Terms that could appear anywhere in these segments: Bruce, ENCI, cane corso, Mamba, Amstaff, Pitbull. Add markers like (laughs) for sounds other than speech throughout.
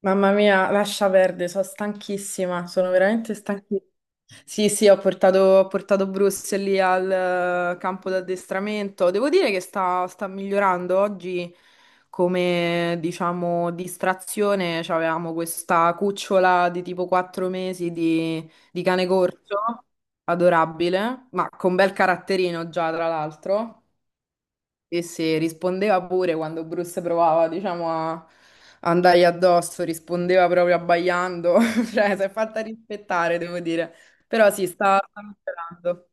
Mamma mia, lascia perdere, sono stanchissima, sono veramente stanchissima. Sì, sì, ho portato Bruce lì al campo d'addestramento. Devo dire che sta migliorando oggi come, diciamo, distrazione. Avevamo questa cucciola di tipo 4 mesi di cane corso, adorabile, ma con bel caratterino già, tra l'altro. E se rispondeva pure quando Bruce provava, diciamo, a andargli addosso, rispondeva proprio abbaiando, (laughs) cioè si è fatta rispettare, devo dire. Però sì, sta migliorando.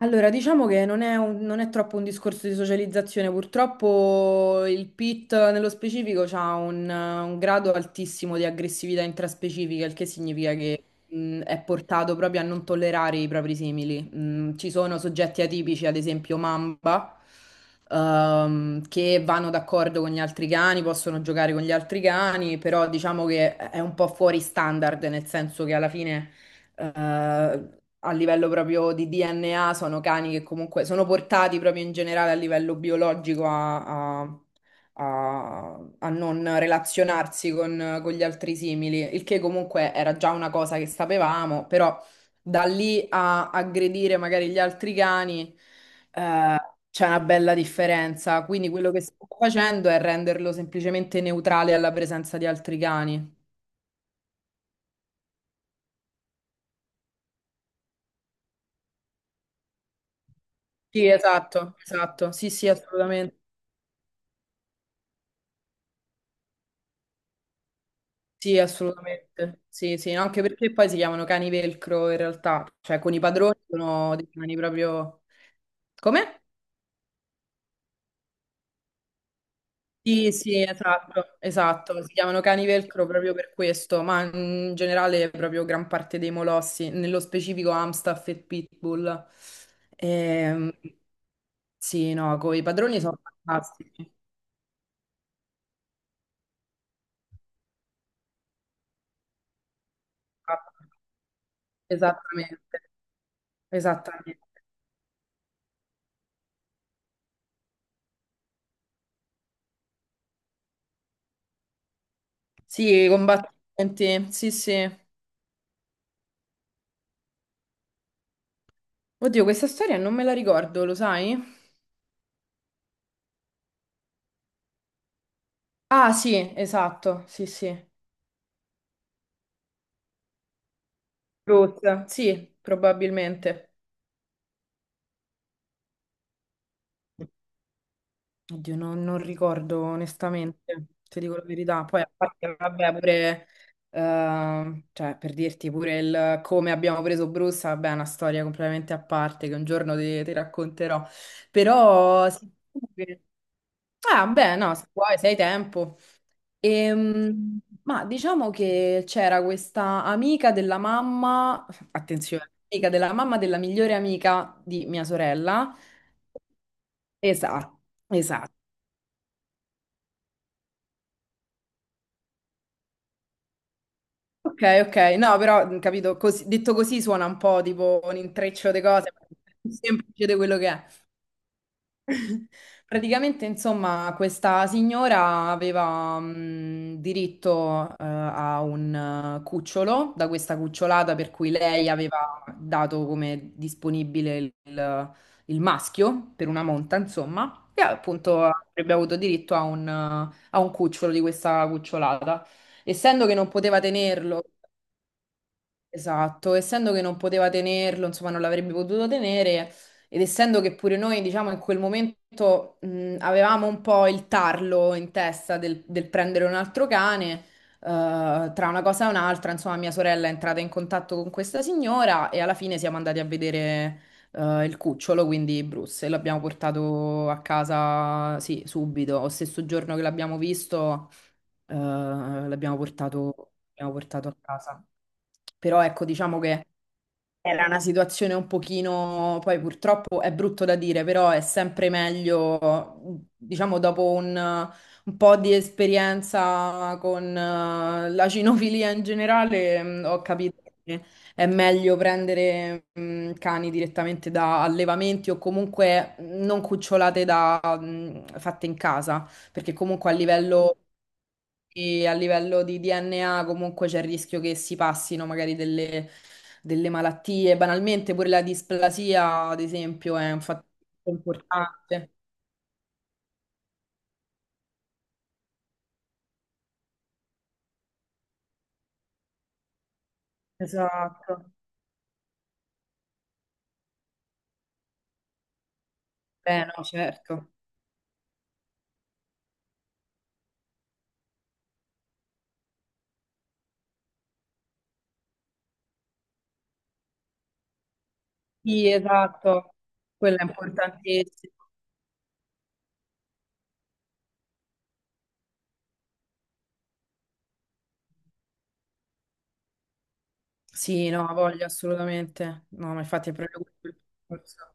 Allora, diciamo che non è troppo un discorso di socializzazione, purtroppo il PIT nello specifico ha un grado altissimo di aggressività intraspecifica, il che significa che è portato proprio a non tollerare i propri simili. Ci sono soggetti atipici, ad esempio Mamba, che vanno d'accordo con gli altri cani, possono giocare con gli altri cani, però diciamo che è un po' fuori standard, nel senso che alla fine... eh, a livello proprio di DNA sono cani che comunque sono portati proprio in generale a livello biologico a non relazionarsi con gli altri simili, il che comunque era già una cosa che sapevamo, però da lì a aggredire magari gli altri cani eh, c'è una bella differenza. Quindi quello che sto facendo è renderlo semplicemente neutrale alla presenza di altri cani. Sì, esatto, esatto, sì, sì, assolutamente. Sì, assolutamente. Sì, sì, no, anche perché poi si chiamano cani velcro in realtà, cioè con i padroni sono dei cani proprio... Come? Sì, sì, esatto, esatto, si chiamano cani velcro proprio per questo, ma in generale proprio gran parte dei molossi, nello specifico Amstaff e Pitbull. Ehm, sì, no, con i padroni sono fantastici. Esattamente, esattamente. Sì, i combattimenti, sì, sì. Oddio, questa storia non me la ricordo, lo sai? Ah, sì, esatto, sì, sì. Ruth, sì, probabilmente. Oddio, non ricordo onestamente, se dico la verità. Poi, a parte, vabbè, pure, cioè, per dirti pure il come abbiamo preso Bruce, vabbè, è una storia completamente a parte che un giorno ti racconterò. Però, sì, sì. Ah, beh, no, se vuoi, se hai tempo. Ma diciamo che c'era questa amica della mamma, attenzione, amica della mamma della migliore amica di mia sorella. Esatto, esatto. Ok, ok, no, però capito, detto così suona un po' tipo un intreccio di cose, ma è più semplice di quello che è. (laughs) Praticamente, insomma, questa signora aveva diritto a un cucciolo da questa cucciolata per cui lei aveva dato come disponibile il maschio per una monta, insomma, e appunto avrebbe avuto diritto a a un cucciolo di questa cucciolata. Essendo che non poteva tenerlo. Esatto, essendo che non poteva tenerlo, insomma, non l'avrebbe potuto tenere, ed essendo che pure noi, diciamo, in quel momento avevamo un po' il tarlo in testa del prendere un altro cane, tra una cosa e un'altra, insomma, mia sorella è entrata in contatto con questa signora e alla fine siamo andati a vedere il cucciolo, quindi Bruce, e l'abbiamo portato a casa, sì, subito, lo stesso giorno che l'abbiamo visto, l'abbiamo portato a casa. Però ecco, diciamo che era una situazione un pochino, poi purtroppo è brutto da dire, però è sempre meglio, diciamo, dopo un po' di esperienza con la cinofilia in generale, ho capito che è meglio prendere cani direttamente da allevamenti o comunque non cucciolate da, fatte in casa, perché comunque a livello e a livello di DNA comunque c'è il rischio che si passino magari delle malattie. Banalmente pure la displasia, ad esempio, è un fattore importante. Esatto. Eh no, certo. Sì, esatto. Quello è importantissimo. Sì, no, voglio assolutamente. No, ma infatti è proprio questo il discorso.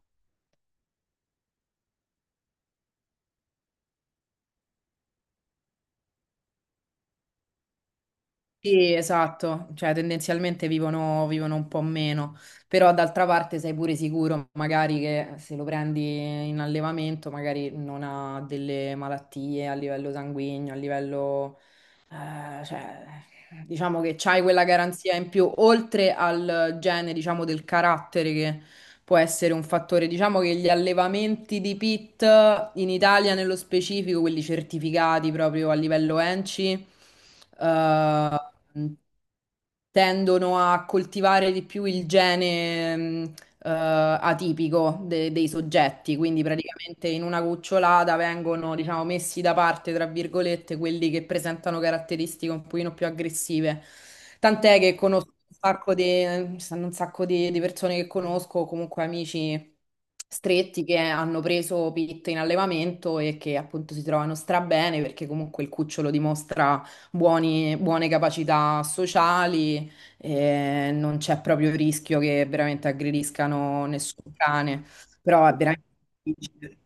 Sì, esatto, cioè tendenzialmente vivono un po' meno, però d'altra parte sei pure sicuro magari che se lo prendi in allevamento magari non ha delle malattie a livello sanguigno, a livello, cioè, diciamo che c'hai quella garanzia in più, oltre al gene, diciamo, del carattere che può essere un fattore. Diciamo che gli allevamenti di pit in Italia nello specifico, quelli certificati proprio a livello ENCI, eh, tendono a coltivare di più il gene atipico dei soggetti, quindi praticamente in una cucciolata vengono, diciamo, messi da parte, tra virgolette, quelli che presentano caratteristiche un pochino più aggressive. Tant'è che conosco un sacco di, ci stanno un sacco di persone che conosco, comunque amici stretti che hanno preso Pitt in allevamento e che appunto si trovano strabene perché comunque il cucciolo dimostra buone capacità sociali, non c'è proprio il rischio che veramente aggrediscano nessun cane, però è veramente difficile.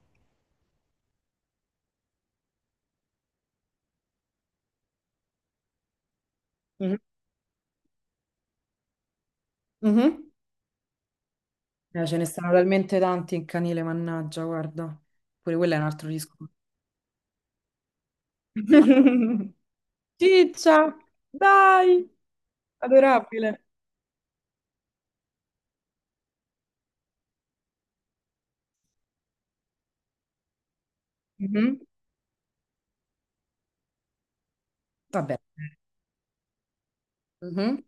Mhm. Mhm. Ce ne stanno talmente tanti in canile, mannaggia, guarda, pure quello è un altro discorso. (laughs) Ciccia, dai, adorabile. Mhm. Vabbè. Mhm.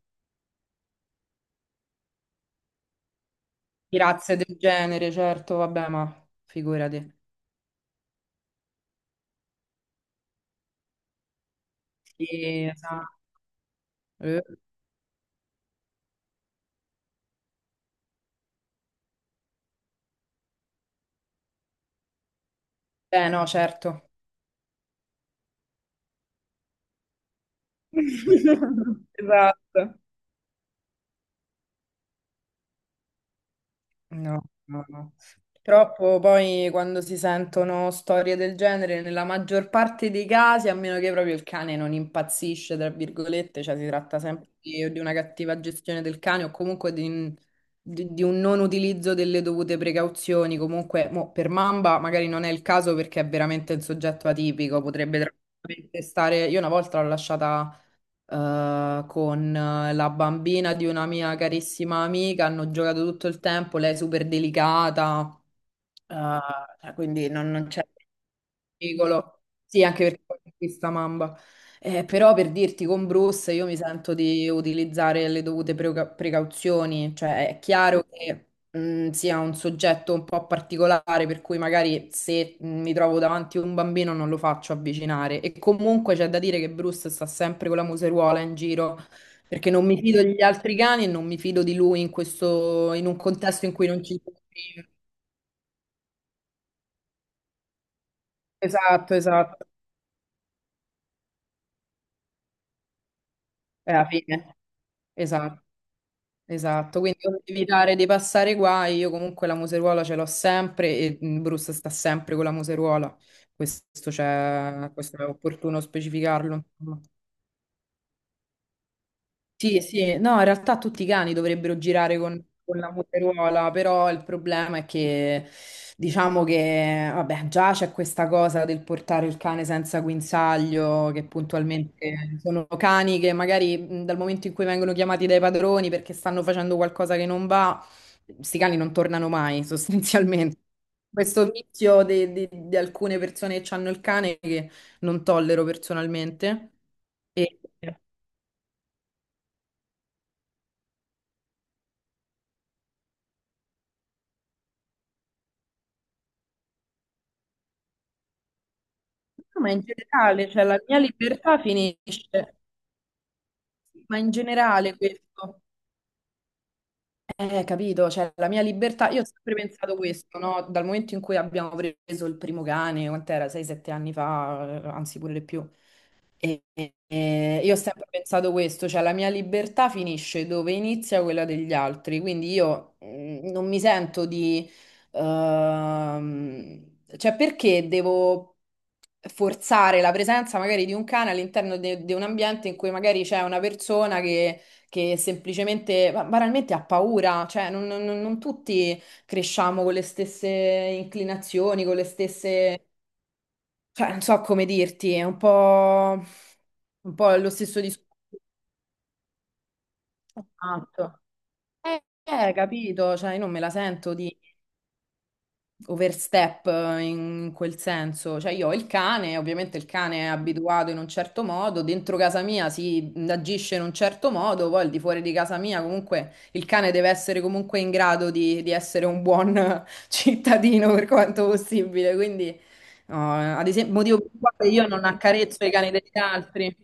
Di razze del genere, certo, vabbè, ma figurati. Sì, esatto. Eh, no, certo. (laughs) Esatto. No, no, no. Purtroppo poi quando si sentono storie del genere, nella maggior parte dei casi, a meno che proprio il cane non impazzisce, tra virgolette, cioè si tratta sempre di, o di una cattiva gestione del cane o comunque un di un non utilizzo delle dovute precauzioni. Comunque, mo, per Mamba magari non è il caso perché è veramente un soggetto atipico, potrebbe tranquillamente stare... Io una volta l'ho lasciata con la bambina di una mia carissima amica, hanno giocato tutto il tempo, lei è super delicata, eh, cioè, quindi non c'è pericolo. Sì, anche perché poi è questa mamba. Però per dirti con Bruce io mi sento di utilizzare le dovute precauzioni, cioè è chiaro che sia un soggetto un po' particolare, per cui magari se mi trovo davanti a un bambino non lo faccio avvicinare. E comunque c'è da dire che Bruce sta sempre con la museruola in giro, perché non mi fido degli altri cani e non mi fido di lui in questo, in un contesto in cui non ci sono. Esatto, esatto. È la fine. Esatto. Esatto, quindi per evitare di passare guai, io comunque la museruola ce l'ho sempre e Bruce sta sempre con la museruola, questo, c'è, questo è opportuno specificarlo. Sì, sì, no, in realtà tutti i cani dovrebbero girare con la muteruola, però il problema è che diciamo che, vabbè, già c'è questa cosa del portare il cane senza guinzaglio, che puntualmente sono cani che magari dal momento in cui vengono chiamati dai padroni perché stanno facendo qualcosa che non va, questi cani non tornano mai, (laughs) sostanzialmente. Questo vizio di, di alcune persone che hanno il cane che non tollero personalmente. E- No, ma in generale, cioè la mia libertà finisce, ma in generale questo. Capito, cioè la mia libertà, io ho sempre pensato questo, no? Dal momento in cui abbiamo preso il primo cane, quant'era? 6-7 anni fa, anzi pure di più. Io ho sempre pensato questo, cioè la mia libertà finisce dove inizia quella degli altri, quindi io non mi sento di... cioè perché devo forzare la presenza magari di un cane all'interno di un ambiente in cui magari c'è una persona che semplicemente, banalmente ha paura, cioè non tutti cresciamo con le stesse inclinazioni, con le stesse, cioè non so come dirti, è un po' lo stesso discorso che ho fatto. Capito, cioè io non me la sento di overstep in quel senso. Cioè, io ho il cane, ovviamente il cane è abituato in un certo modo, dentro casa mia si agisce in un certo modo, poi al di fuori di casa mia comunque il cane deve essere comunque in grado di essere un buon (laughs) cittadino per quanto possibile. Quindi, no, ad esempio, motivo per il quale io non accarezzo i cani degli altri.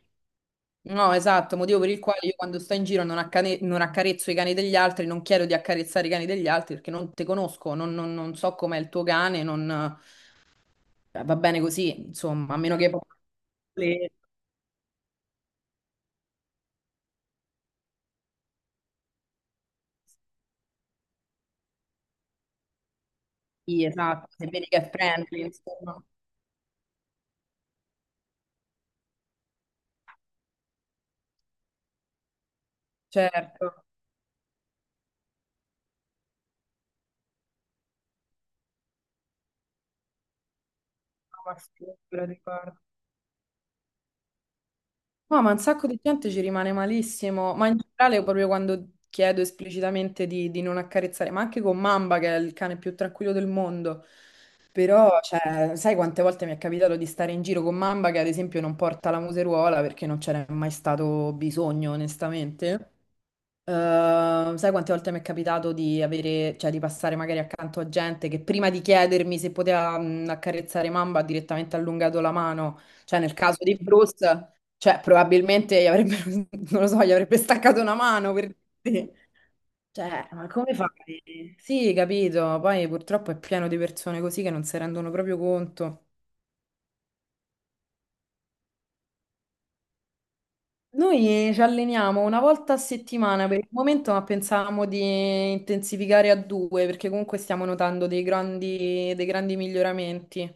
No, esatto, motivo per il quale io quando sto in giro non accarezzo i cani degli altri, non chiedo di accarezzare i cani degli altri perché non te conosco, non so com'è il tuo cane, non... va bene così, insomma, a meno che... Sì, esatto, se vedi che è friendly, insomma. Certo, no, ma figurati, guarda. No, ma un sacco di gente ci rimane malissimo, ma in generale proprio quando chiedo esplicitamente di non accarezzare, ma anche con Mamba che è il cane più tranquillo del mondo, però cioè, sai quante volte mi è capitato di stare in giro con Mamba che ad esempio non porta la museruola perché non c'era mai stato bisogno, onestamente? Sai quante volte mi è capitato di avere, cioè di passare magari accanto a gente che prima di chiedermi se poteva accarezzare Mamba ha direttamente allungato la mano, cioè nel caso di Bruce, cioè probabilmente gli avrebbe, (laughs) non lo so, gli avrebbe staccato una mano per dire. Cioè, ma come fai? Sì, capito, poi purtroppo è pieno di persone così che non si rendono proprio conto. Noi ci alleniamo una volta a settimana per il momento, ma pensavamo di intensificare a due perché comunque stiamo notando dei grandi miglioramenti.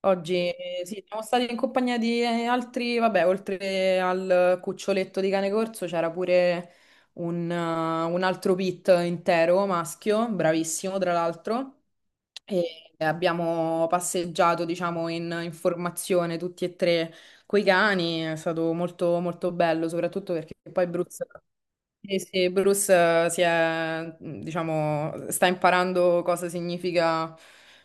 Oggi sì, siamo stati in compagnia di altri, vabbè, oltre al cuccioletto di cane corso c'era pure un altro pit intero maschio, bravissimo tra l'altro. E abbiamo passeggiato, diciamo, in formazione tutti e tre coi cani. È stato molto, molto bello, soprattutto perché poi Bruce, eh sì, Bruce, diciamo, sta imparando cosa significa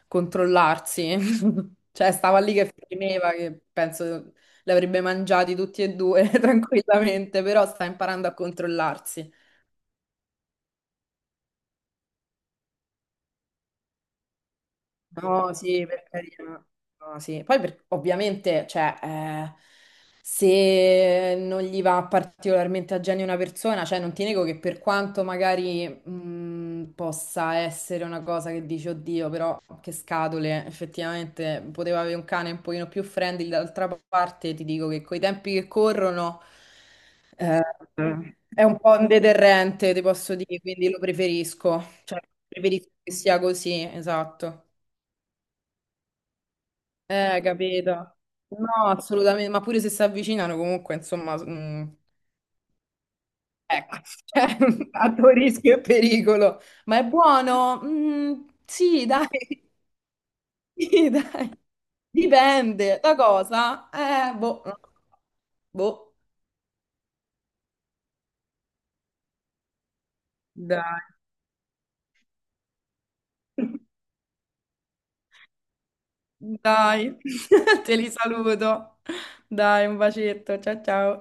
controllarsi. (laughs) Cioè, stava lì che fremeva, che penso li avrebbe mangiati tutti e due (laughs) tranquillamente, però sta imparando a controllarsi. No, sì, per carità. No, sì. Ovviamente, cioè, se non gli va particolarmente a genio una persona, cioè non ti nego che per quanto magari possa essere una cosa che dici, oddio, però che scatole, effettivamente poteva avere un cane un pochino più friendly, d'altra parte ti dico che coi tempi che corrono eh, è un po' un deterrente, ti posso dire, quindi lo preferisco. Cioè, preferisco che sia così, esatto. Capito. No, assolutamente, ma pure se si avvicinano comunque, insomma, ecco, (laughs) cioè, a tuo rischio e pericolo. Ma è buono? Mm, sì, dai, (laughs) sì, dai. Dipende da cosa? Boh, non lo so. Boh, dai, dai, (laughs) te li saluto. Dai, un bacetto, ciao ciao.